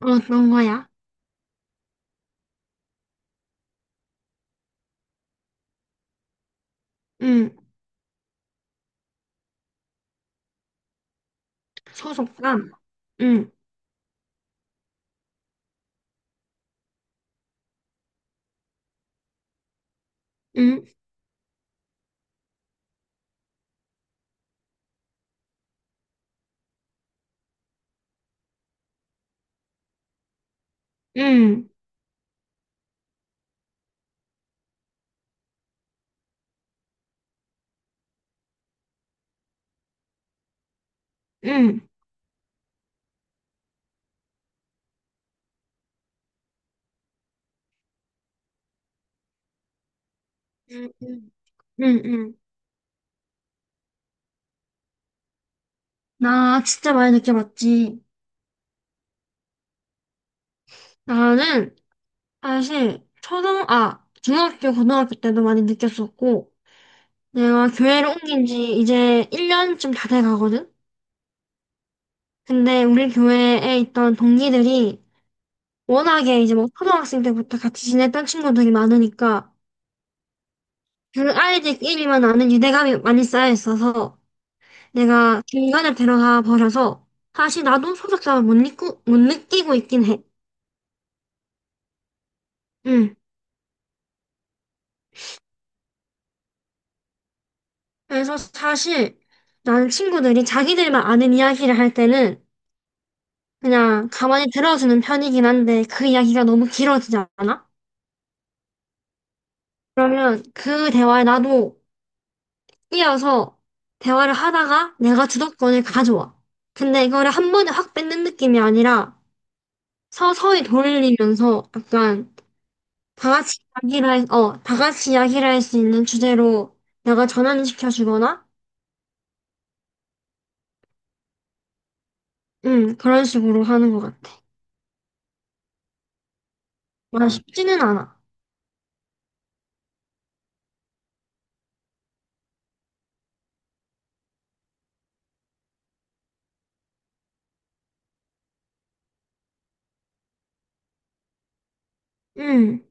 떤 거야. 응, 소속감. 응, 응, 응, 응, 응, 응, 응. 응. 나 진짜 많이 느껴봤지. 나는 사실 중학교, 고등학교 때도 많이 느꼈었고, 내가 교회를 옮긴 지 이제 1년쯤 다 돼 가거든? 근데 우리 교회에 있던 동기들이 워낙에 이제 뭐 초등학생 때부터 같이 지냈던 친구들이 많으니까 그 아이들끼리만 아는 유대감이 많이 쌓여 있어서 내가 중간에 들어가 버려서 사실 나도 소속감을 못 느끼고 있긴 해. 응. 그래서 사실 나는 친구들이 자기들만 아는 이야기를 할 때는 그냥 가만히 들어주는 편이긴 한데 그 이야기가 너무 길어지지 않아? 그러면 그 대화에 나도 끼어서 대화를 하다가 내가 주도권을 가져와. 근데 이거를 한 번에 확 뺏는 느낌이 아니라 서서히 돌리면서 약간 다 같이 이야기를 할 수 있는 주제로 내가 전환 시켜주거나, 그런 식으로 하는 것 같아. 와, 쉽지는 않아. 음,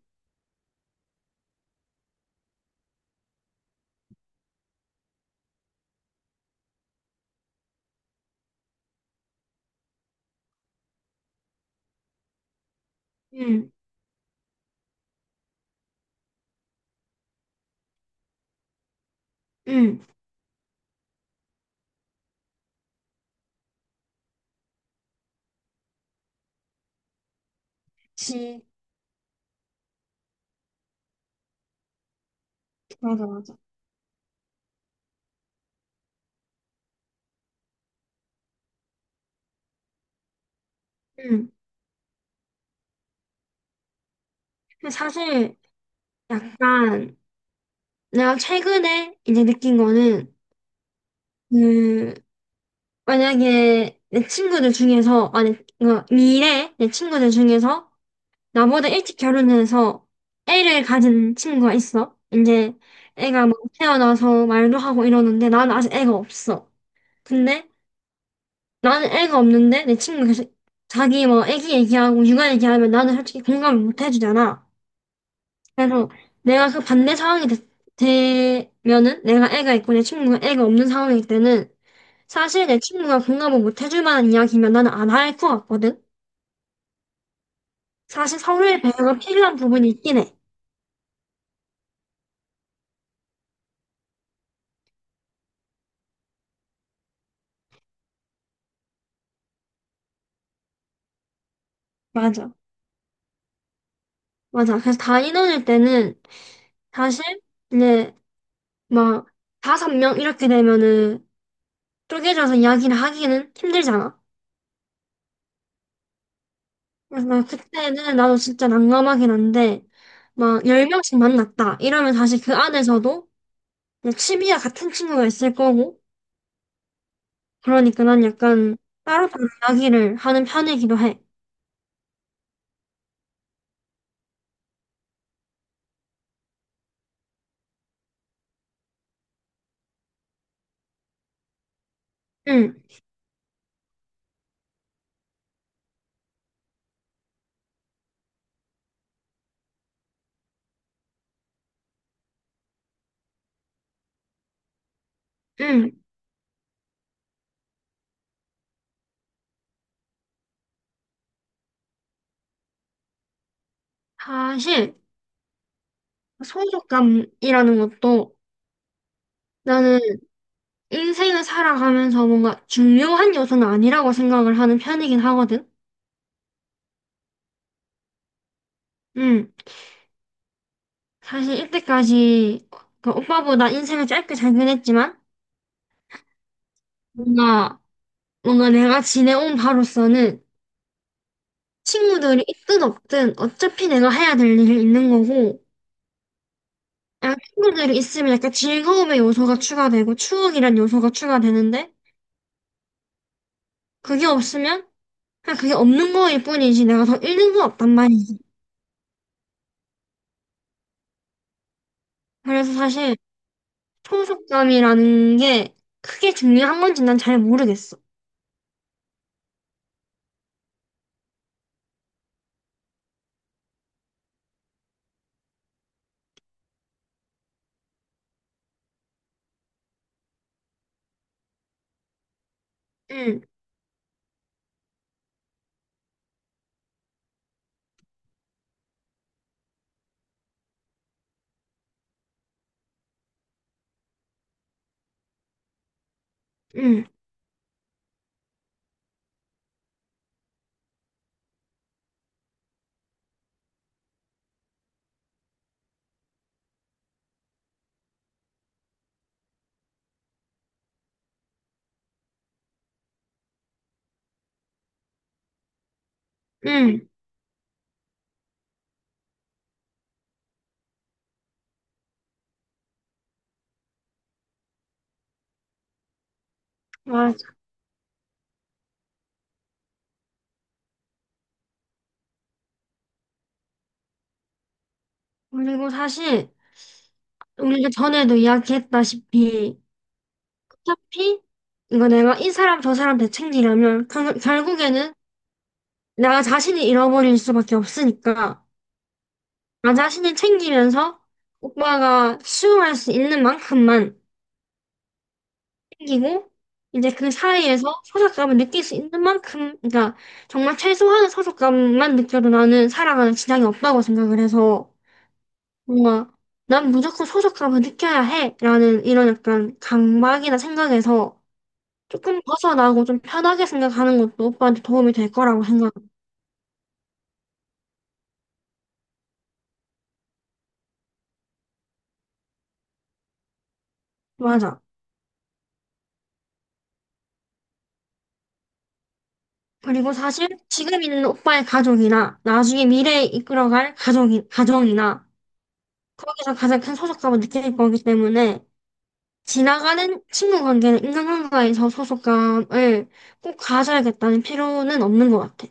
음, 음. 그치. 맞아, 맞아. 음. 근데 사실, 약간, 내가 최근에 이제 느낀 거는, 그, 만약에 내 친구들 중에서, 미래 내 친구들 중에서 나보다 일찍 결혼해서 애를 가진 친구가 있어. 이제 애가 막 태어나서 말도 하고 이러는데 나는 아직 애가 없어. 근데 나는 애가 없는데 내 친구가 계속 자기 뭐 애기 얘기하고 육아 얘기하면 나는 솔직히 공감을 못 해주잖아. 그래서 내가 그 반대 상황이 되면은 내가 애가 있고 내 친구가 애가 없는 상황일 때는 사실 내 친구가 공감을 못 해줄 만한 이야기면 나는 안 할 것 같거든. 사실 서로의 배려가 필요한 부분이 있긴 해. 맞아. 맞아. 그래서 다 이뤄질 때는 사실 이제 막 5명 이렇게 되면은 쪼개져서 이야기를 하기는 힘들잖아. 그래서 나 그때는 나도 진짜 난감하긴 한데 막 열 명씩 만났다 이러면 사실 그 안에서도 그냥 취미와 같은 친구가 있을 거고 그러니까 난 약간 따로따로 이야기를 하는 편이기도 해. 응, 응. 사실 소속감이라는 것도 나는 인생을 살아가면서 뭔가 중요한 요소는 아니라고 생각을 하는 편이긴 하거든. 음, 사실 이때까지 그 오빠보다 인생을 짧게 살긴 했지만 뭔가 뭔가 내가 지내온 바로서는 친구들이 있든 없든 어차피 내가 해야 될 일이 있는 거고 약간 친구들이 있으면 약간 즐거움의 요소가 추가되고 추억이란 요소가 추가되는데 그게 없으면 그냥 그게 없는 거일 뿐이지 내가 더 잃는 건 없단 말이지. 그래서 사실 통속감이라는 게 크게 중요한 건지 난 잘 모르겠어. 응, 응, 응, 맞아. 그리고 사실 우리가 전에도 이야기했다시피 어차피 이거 내가 이 사람 저 사람 다 챙기려면 결국에는 나 자신을 잃어버릴 수밖에 없으니까 나 자신을 챙기면서 오빠가 수용할 수 있는 만큼만 생기고 이제 그 사이에서 소속감을 느낄 수 있는 만큼 그러니까 정말 최소한의 소속감만 느껴도 나는 살아가는 지장이 없다고 생각을 해서 뭔가 난 무조건 소속감을 느껴야 해라는 이런 약간 강박이나 생각에서 조금 벗어나고 좀 편하게 생각하는 것도 오빠한테 도움이 될 거라고 생각. 맞아. 그리고 사실 지금 있는 오빠의 가족이나 나중에 미래에 이끌어갈 가정이나 거기서 가장 큰 소속감을 느낄 거기 때문에 지나가는 친구 관계는 인간관계에서 소속감을 꼭 가져야겠다는 필요는 없는 것 같아.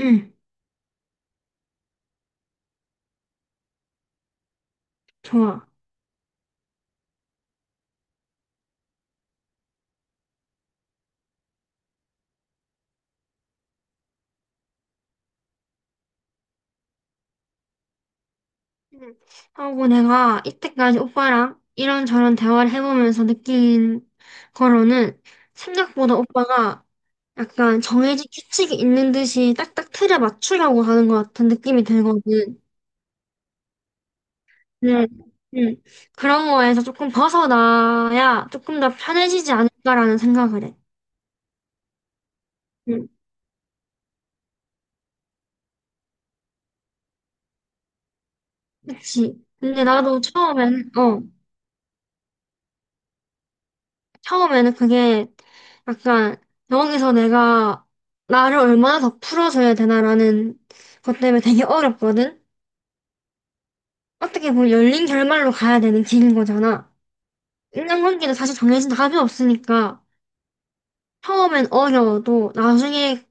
응, 좋아. 응. 하고 내가 이때까지 오빠랑 이런저런 대화를 해보면서 느낀 거로는 생각보다 오빠가 약간 정해진 규칙이 있는 듯이 딱딱 틀에 맞추려고 하는 것 같은 느낌이 들거든. 네. 응. 그런 거에서 조금 벗어나야 조금 더 편해지지 않을까라는 생각을 해. 응. 그치. 근데 나도 처음에는 그게 약간 여기서 내가 나를 얼마나 더 풀어줘야 되나라는 것 때문에 되게 어렵거든? 어떻게 보면 열린 결말로 가야 되는 길인 거잖아. 인간관계도 사실 정해진 답이 없으니까 처음엔 어려워도 나중에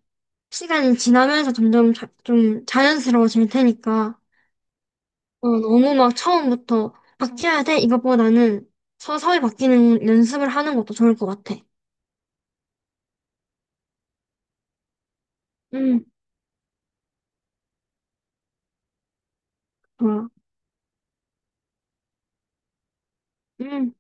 시간이 지나면서 점점 좀 자연스러워질 테니까 너무 막 처음부터 바뀌어야 돼 이것보다는 서서히 바뀌는 연습을 하는 것도 좋을 것 같아. 음. 좋아. 응.